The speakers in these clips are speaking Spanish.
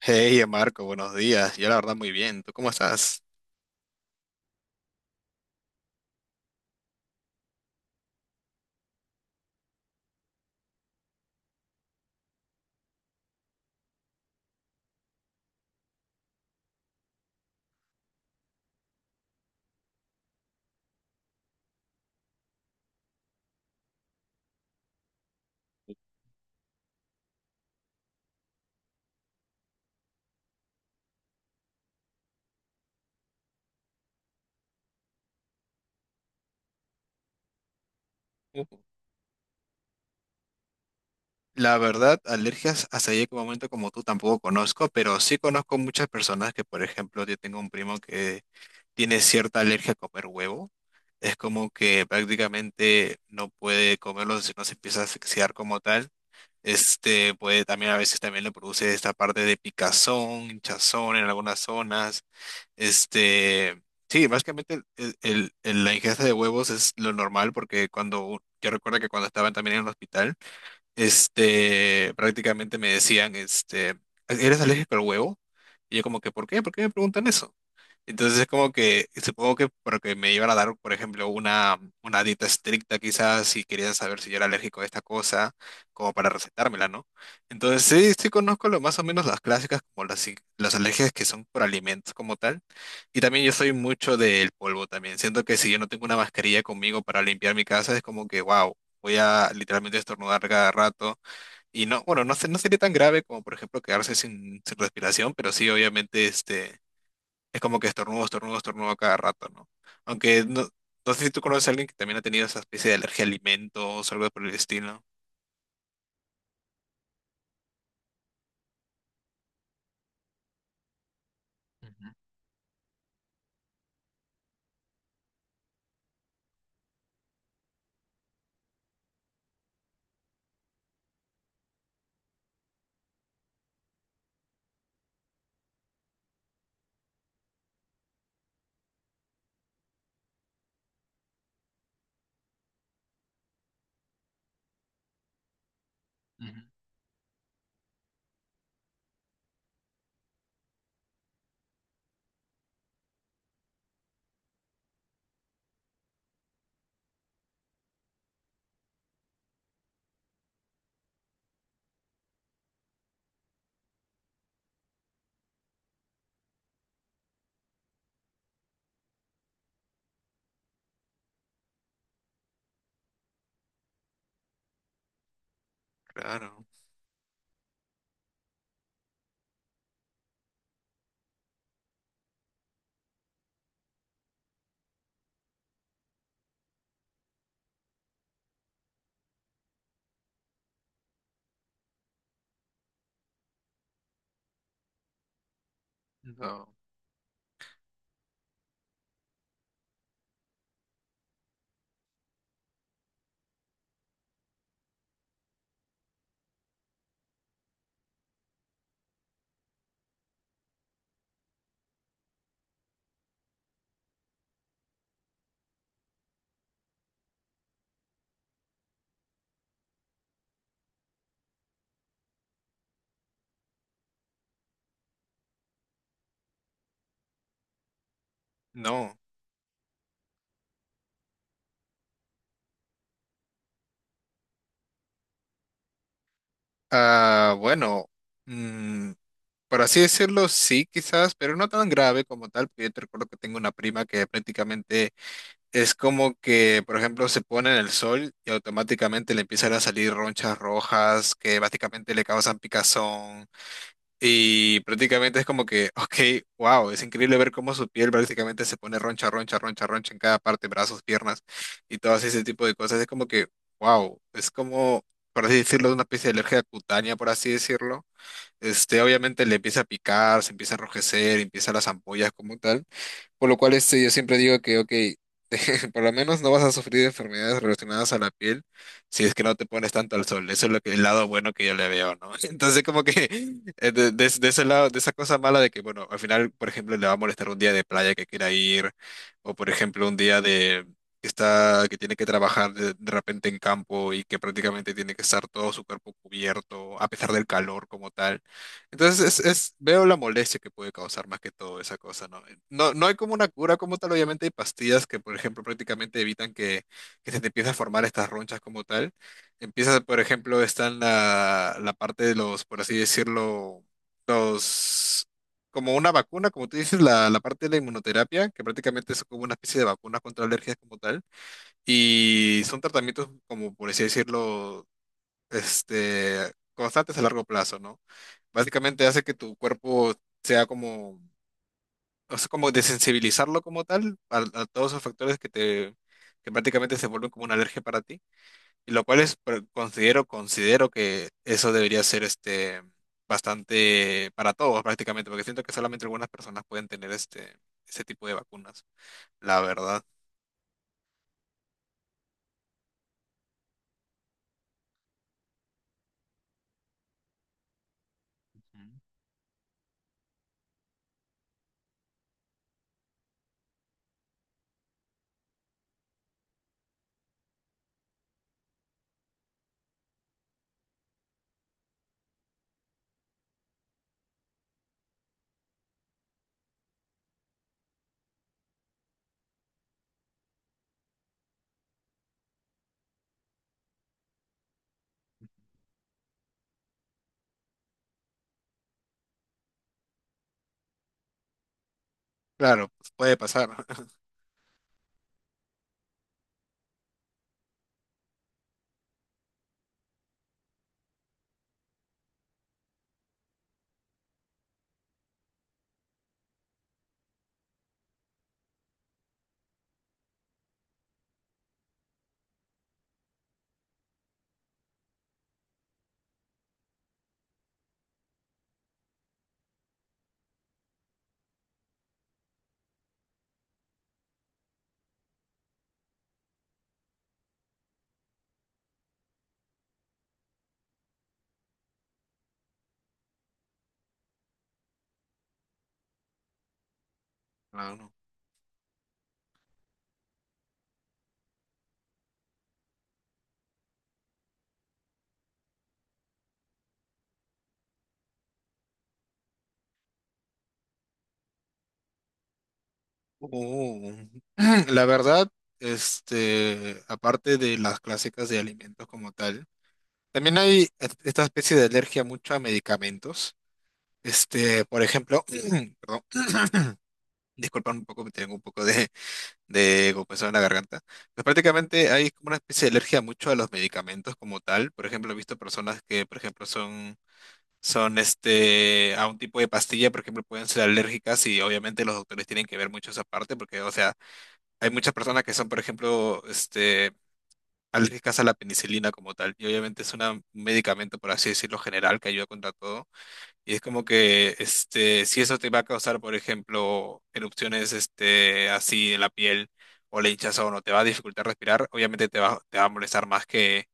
Hey, Marco, buenos días. Yo la verdad muy bien. ¿Tú cómo estás? Uh. La verdad, alergias hasta ahí que momento como tú tampoco conozco, pero sí conozco muchas personas que, por ejemplo, yo tengo un primo que tiene cierta alergia a comer huevo. Es como que prácticamente no puede comerlo si no se empieza a asfixiar como tal. Puede también a veces también le produce esta parte de picazón, hinchazón en algunas zonas. Este, sí, básicamente la ingesta de huevos es lo normal porque cuando, yo recuerdo que cuando estaba también en el hospital, prácticamente me decían, ¿eres alérgico al huevo? Y yo como que, ¿por qué? ¿Por qué me preguntan eso? Entonces es como que, supongo que porque me iban a dar, por ejemplo, una dieta estricta quizás si querían saber si yo era alérgico a esta cosa, como para recetármela, ¿no? Entonces sí, sí conozco lo, más o menos las clásicas, como las, las alergias que son por alimentos como tal. Y también yo soy mucho del polvo también. Siento que si yo no tengo una mascarilla conmigo para limpiar mi casa, es como que, wow. Voy a literalmente estornudar cada rato. Y no, bueno, no, no sería tan grave como, por ejemplo, quedarse sin respiración, pero sí, obviamente, es como que estornudo, estornudo, estornudo a cada rato, ¿no? Aunque no, no sé si tú conoces a alguien que también ha tenido esa especie de alergia a alimentos o algo por el estilo. Claro. No. No. Ah, bueno, mm, por así decirlo, sí, quizás, pero no tan grave como tal, porque yo te recuerdo que tengo una prima que prácticamente es como que, por ejemplo, se pone en el sol y automáticamente le empiezan a salir ronchas rojas que básicamente le causan picazón. Y prácticamente es como que, ok, wow, es increíble ver cómo su piel prácticamente se pone roncha, roncha, roncha, roncha en cada parte, brazos, piernas y todo ese tipo de cosas. Es como que, wow, es como, por así decirlo, una especie de alergia cutánea, por así decirlo. Obviamente le empieza a picar, se empieza a enrojecer, empiezan las ampollas como tal. Por lo cual yo siempre digo que, ok, por lo menos no vas a sufrir de enfermedades relacionadas a la piel si es que no te pones tanto al sol. Eso es lo que, el lado bueno que yo le veo, ¿no? Entonces, como que de, de ese lado, de esa cosa mala de que, bueno, al final, por ejemplo, le va a molestar un día de playa que quiera ir, o por ejemplo, un día de que está, que tiene que trabajar de repente en campo y que prácticamente tiene que estar todo su cuerpo cubierto, a pesar del calor como tal. Entonces es, veo la molestia que puede causar más que todo esa cosa, ¿no? No, no hay como una cura como tal, obviamente hay pastillas que, por ejemplo, prácticamente evitan que se te empiecen a formar estas ronchas como tal. Empiezas, por ejemplo, está en la, la parte de los, por así decirlo, los, como una vacuna, como tú dices, la parte de la inmunoterapia, que prácticamente es como una especie de vacuna contra alergias como tal. Y son tratamientos como, por así decirlo, constantes a largo plazo, ¿no? Básicamente hace que tu cuerpo sea como, o sea, como desensibilizarlo como tal a todos esos factores que te, que prácticamente se vuelven como una alergia para ti, y lo cual es, pero considero, considero que eso debería ser bastante para todos prácticamente, porque siento que solamente algunas personas pueden tener ese tipo de vacunas, la verdad. Ujú. Claro, pues puede pasar. No, no. Oh, la verdad, aparte de las clásicas de alimentos como tal, también hay esta especie de alergia mucho a medicamentos. Por ejemplo, perdón, disculpa un poco, me tengo un poco de compresión en la garganta. Pues prácticamente hay como una especie de alergia mucho a los medicamentos como tal. Por ejemplo, he visto personas que, por ejemplo, son, son a un tipo de pastilla, por ejemplo, pueden ser alérgicas y obviamente los doctores tienen que ver mucho esa parte porque, o sea, hay muchas personas que son, por ejemplo, alérgicas a la penicilina como tal, y obviamente es un medicamento, por así decirlo, general que ayuda contra todo. Y es como que si eso te va a causar, por ejemplo, erupciones así en la piel o la hinchazón o no, te va a dificultar respirar, obviamente te va a molestar más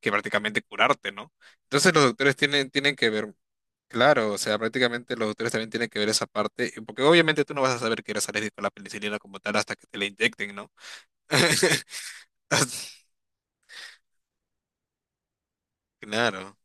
que prácticamente curarte, ¿no? Entonces los doctores tienen, tienen que ver, claro, o sea, prácticamente los doctores también tienen que ver esa parte, porque obviamente tú no vas a saber que eres alérgico a la penicilina como tal hasta que te la inyecten, ¿no? Claro,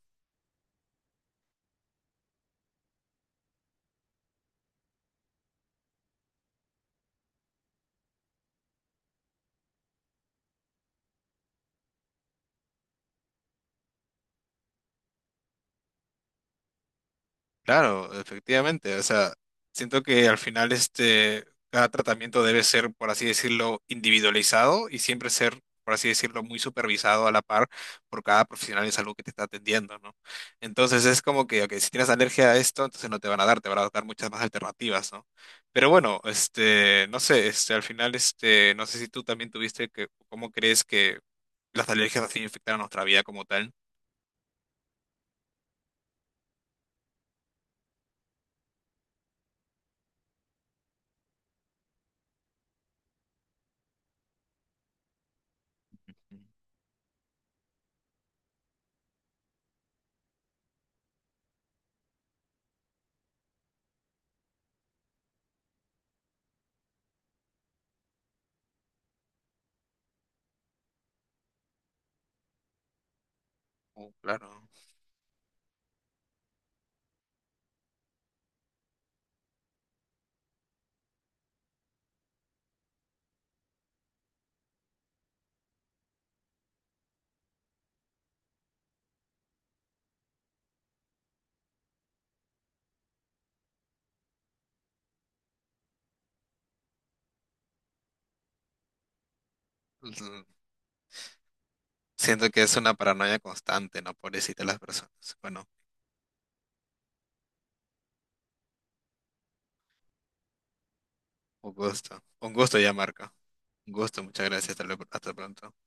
claro, efectivamente. O sea, siento que al final cada tratamiento debe ser, por así decirlo, individualizado y siempre ser, por así decirlo, muy supervisado a la par por cada profesional de salud que te está atendiendo, ¿no? Entonces es como que, ok, si tienes alergia a esto, entonces no te van a dar, te van a dar muchas más alternativas, ¿no? Pero bueno, no sé, al final, no sé si tú también tuviste que, ¿cómo crees que las alergias así afectaron nuestra vida como tal? Oh, claro. Siento que es una paranoia constante, ¿no? Pobrecita las personas. Bueno, un gusto. Un gusto ya, Marco. Un gusto, muchas gracias. Hasta luego- hasta pronto.